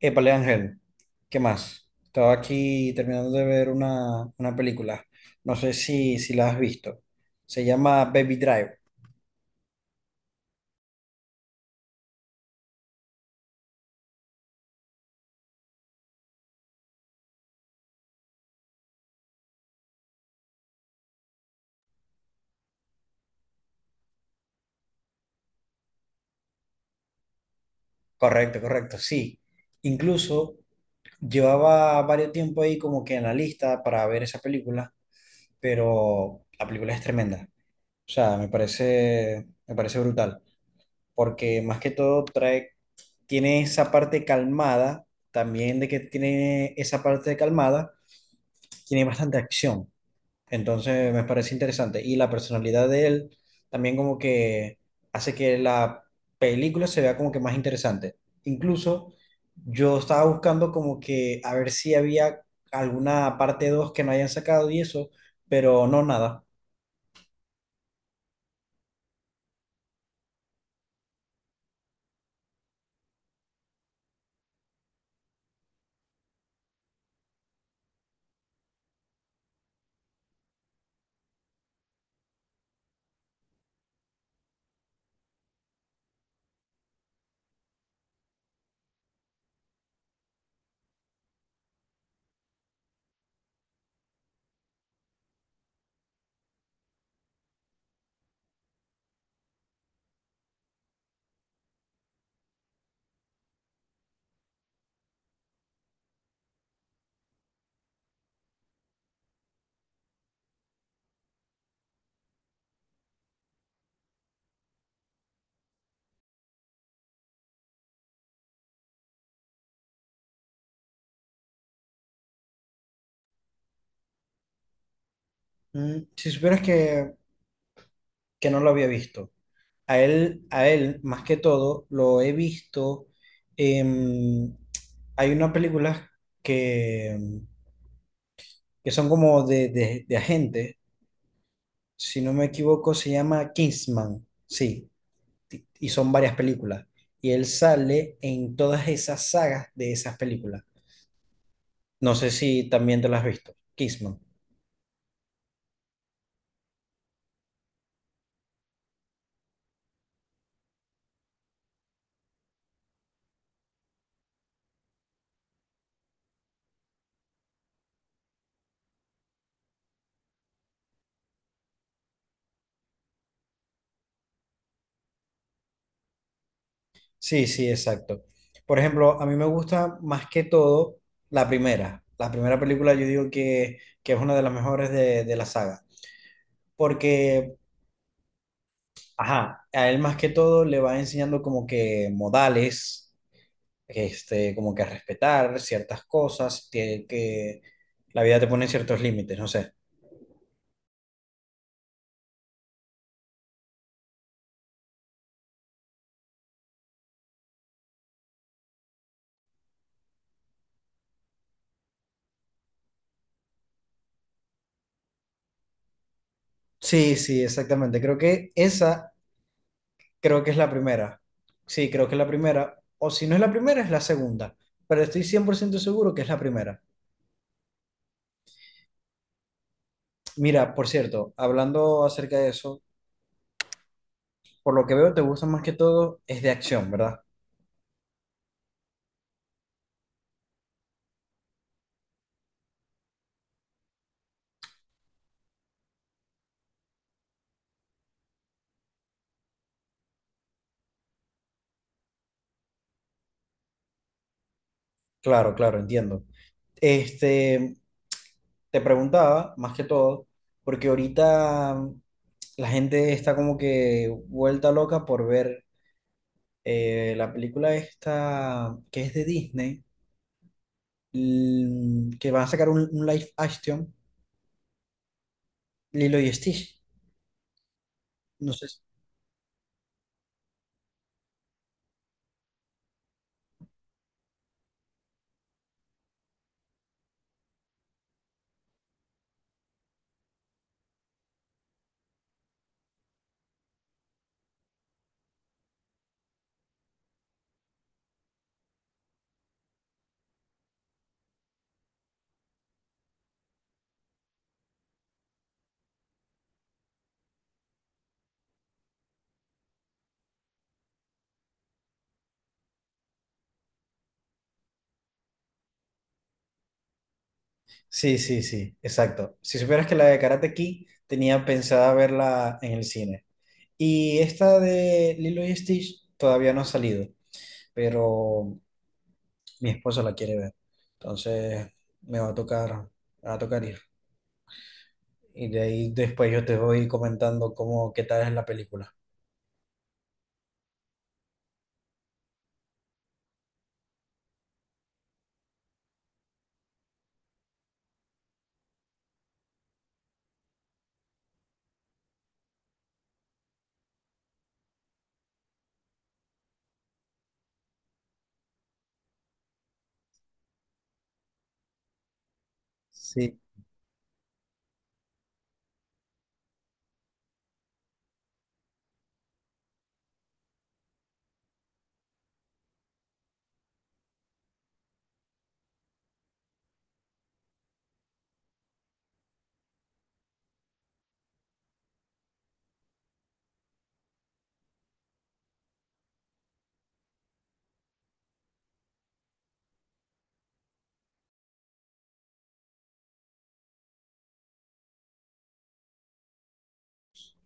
Épale, Ángel, ¿qué más? Estaba aquí terminando de ver una película. No sé si la has visto. Se llama Baby Drive. Correcto, correcto, sí. Incluso llevaba varios tiempo ahí como que en la lista para ver esa película, pero la película es tremenda. O sea, me parece brutal, porque más que todo trae, tiene esa parte calmada, también de que tiene esa parte calmada, tiene bastante acción. Entonces me parece interesante. Y la personalidad de él también como que hace que la película se vea como que más interesante. Incluso yo estaba buscando como que a ver si había alguna parte 2 que no hayan sacado y eso, pero no nada. Si supieras que no lo había visto. A él, más que todo, lo he visto. em, Hay unas películas que, que son como de agentes, si no me equivoco, se llama Kingsman. Sí, y son varias películas. Y él sale en todas esas sagas de esas películas. No sé si también te las has visto, Kingsman. Sí, sí, exacto. Por ejemplo, a mí me gusta más que todo la primera. La primera película yo digo que es una de las mejores de la saga. Porque, ajá, a él más que todo le va enseñando como que modales, este, como que a respetar ciertas cosas, que la vida te pone ciertos límites, no sé. Sí, sí, exactamente. Creo que esa, creo que es la primera. Sí, creo que es la primera, o si no es la primera, es la segunda, pero estoy 100% seguro que es la primera. Mira, por cierto, hablando acerca de eso, por lo que veo te gusta más que todo es de acción, ¿verdad? Claro, claro, entiendo. Este, te preguntaba más que todo, porque ahorita la gente está como que vuelta loca por ver, la película esta que es de Disney, que van a sacar un live action, Lilo y Stitch. No sé sí, sí, sí, exacto. Si supieras que la de Karate Kid tenía pensada verla en el cine. Y esta de Lilo y Stitch todavía no ha salido, pero mi esposa la quiere ver. Entonces me va a tocar, me va a tocar ir. Y de ahí después yo te voy comentando cómo, qué tal es la película. Sí.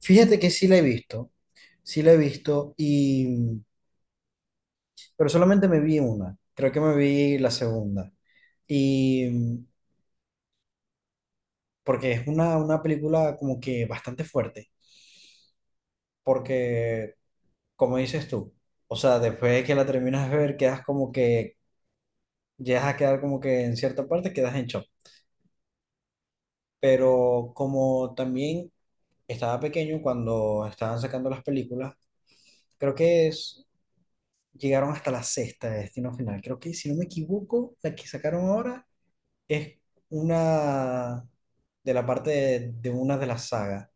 Fíjate que sí la he visto, sí la he visto, y, mm, pero solamente me vi una, creo que me vi la segunda. Y porque es una película como que bastante fuerte, porque como dices tú, o sea, después de que la terminas de ver, quedas como que, llegas a quedar como que en cierta parte quedas en shock. Pero como también estaba pequeño cuando estaban sacando las películas, Creo que es- llegaron hasta la sexta de Destino Final. Creo que, si no me equivoco, la que sacaron ahora es una de la parte de una de las sagas.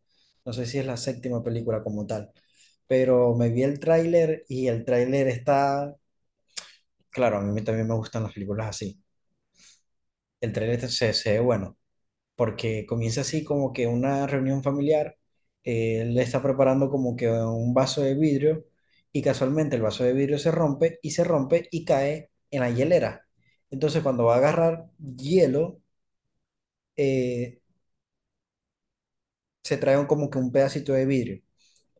No sé si es la séptima película como tal, pero me vi el tráiler y el tráiler está, claro, a mí me también me gustan las películas así. El tráiler se ve bueno. Porque comienza así como que una reunión familiar, le está preparando como que un vaso de vidrio y casualmente el vaso de vidrio se rompe y cae en la hielera. Entonces cuando va a agarrar hielo, eh, se trae como que un pedacito de vidrio.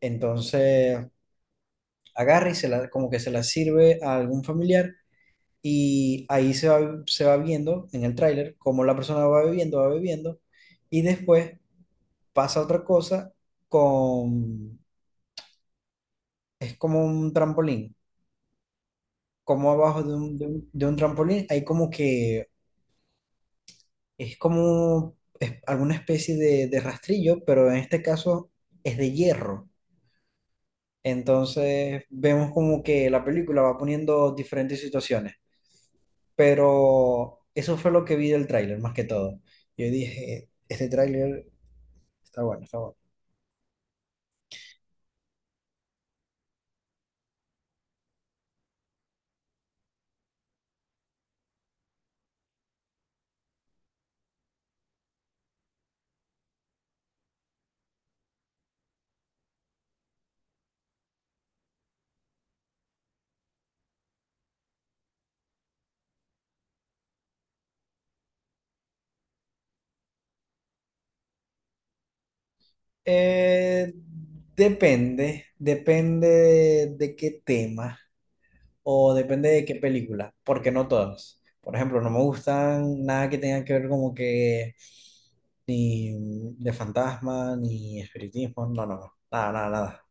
Entonces agarra y se como que se la sirve a algún familiar y ahí se va viendo en el tráiler cómo la persona va bebiendo y después pasa otra cosa con, es como un trampolín, como abajo de un, de un trampolín hay como que, es como es alguna especie de rastrillo, pero en este caso es de hierro. Entonces vemos como que la película va poniendo diferentes situaciones, pero eso fue lo que vi del tráiler más que todo. Yo dije, este tráiler está bueno, está bueno. Eh, depende, depende de qué tema. O depende de qué película, porque no todas. Por ejemplo, no me gustan nada que tenga que ver como que ni de fantasma, ni espiritismo, no, no, no, nada, nada, nada.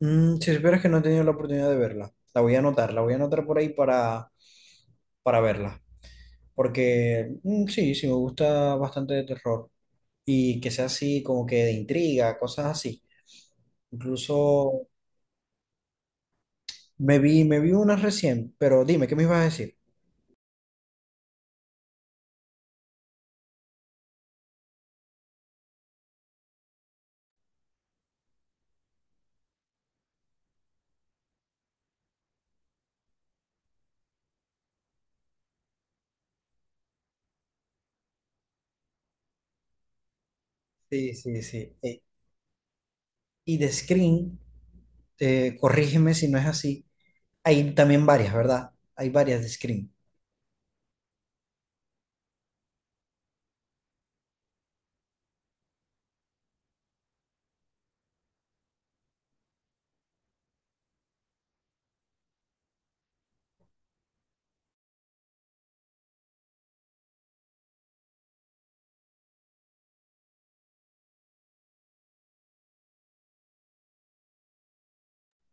Mm, si supieras que no he tenido la oportunidad de verla, la voy a anotar, la voy a anotar por ahí para verla, porque mm, sí, sí, me gusta bastante de terror y que sea así como que de intriga, cosas así. Incluso me vi una recién, pero dime, ¿qué me ibas a decir? Sí, sí, sí. Y de Scream, corrígeme si no es así, hay también varias, ¿verdad? Hay varias de Scream.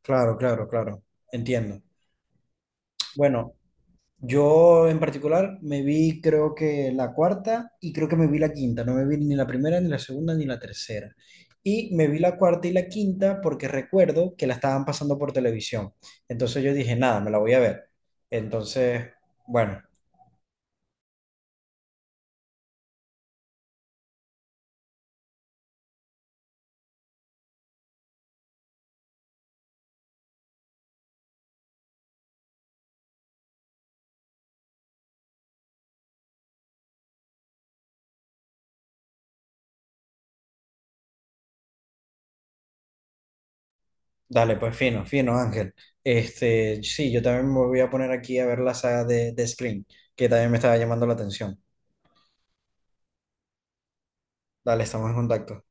Claro, claro, claro, entiendo. Bueno, yo en particular me vi creo que la cuarta y creo que me vi la quinta, no me vi ni la primera, ni la segunda, ni la tercera. Y me vi la cuarta y la quinta porque recuerdo que la estaban pasando por televisión. Entonces yo dije, nada, me la voy a ver. Entonces, bueno, dale, pues fino, fino, Ángel. Este, sí, yo también me voy a poner aquí a ver la saga de Scream, que también me estaba llamando la atención. Dale, estamos en contacto.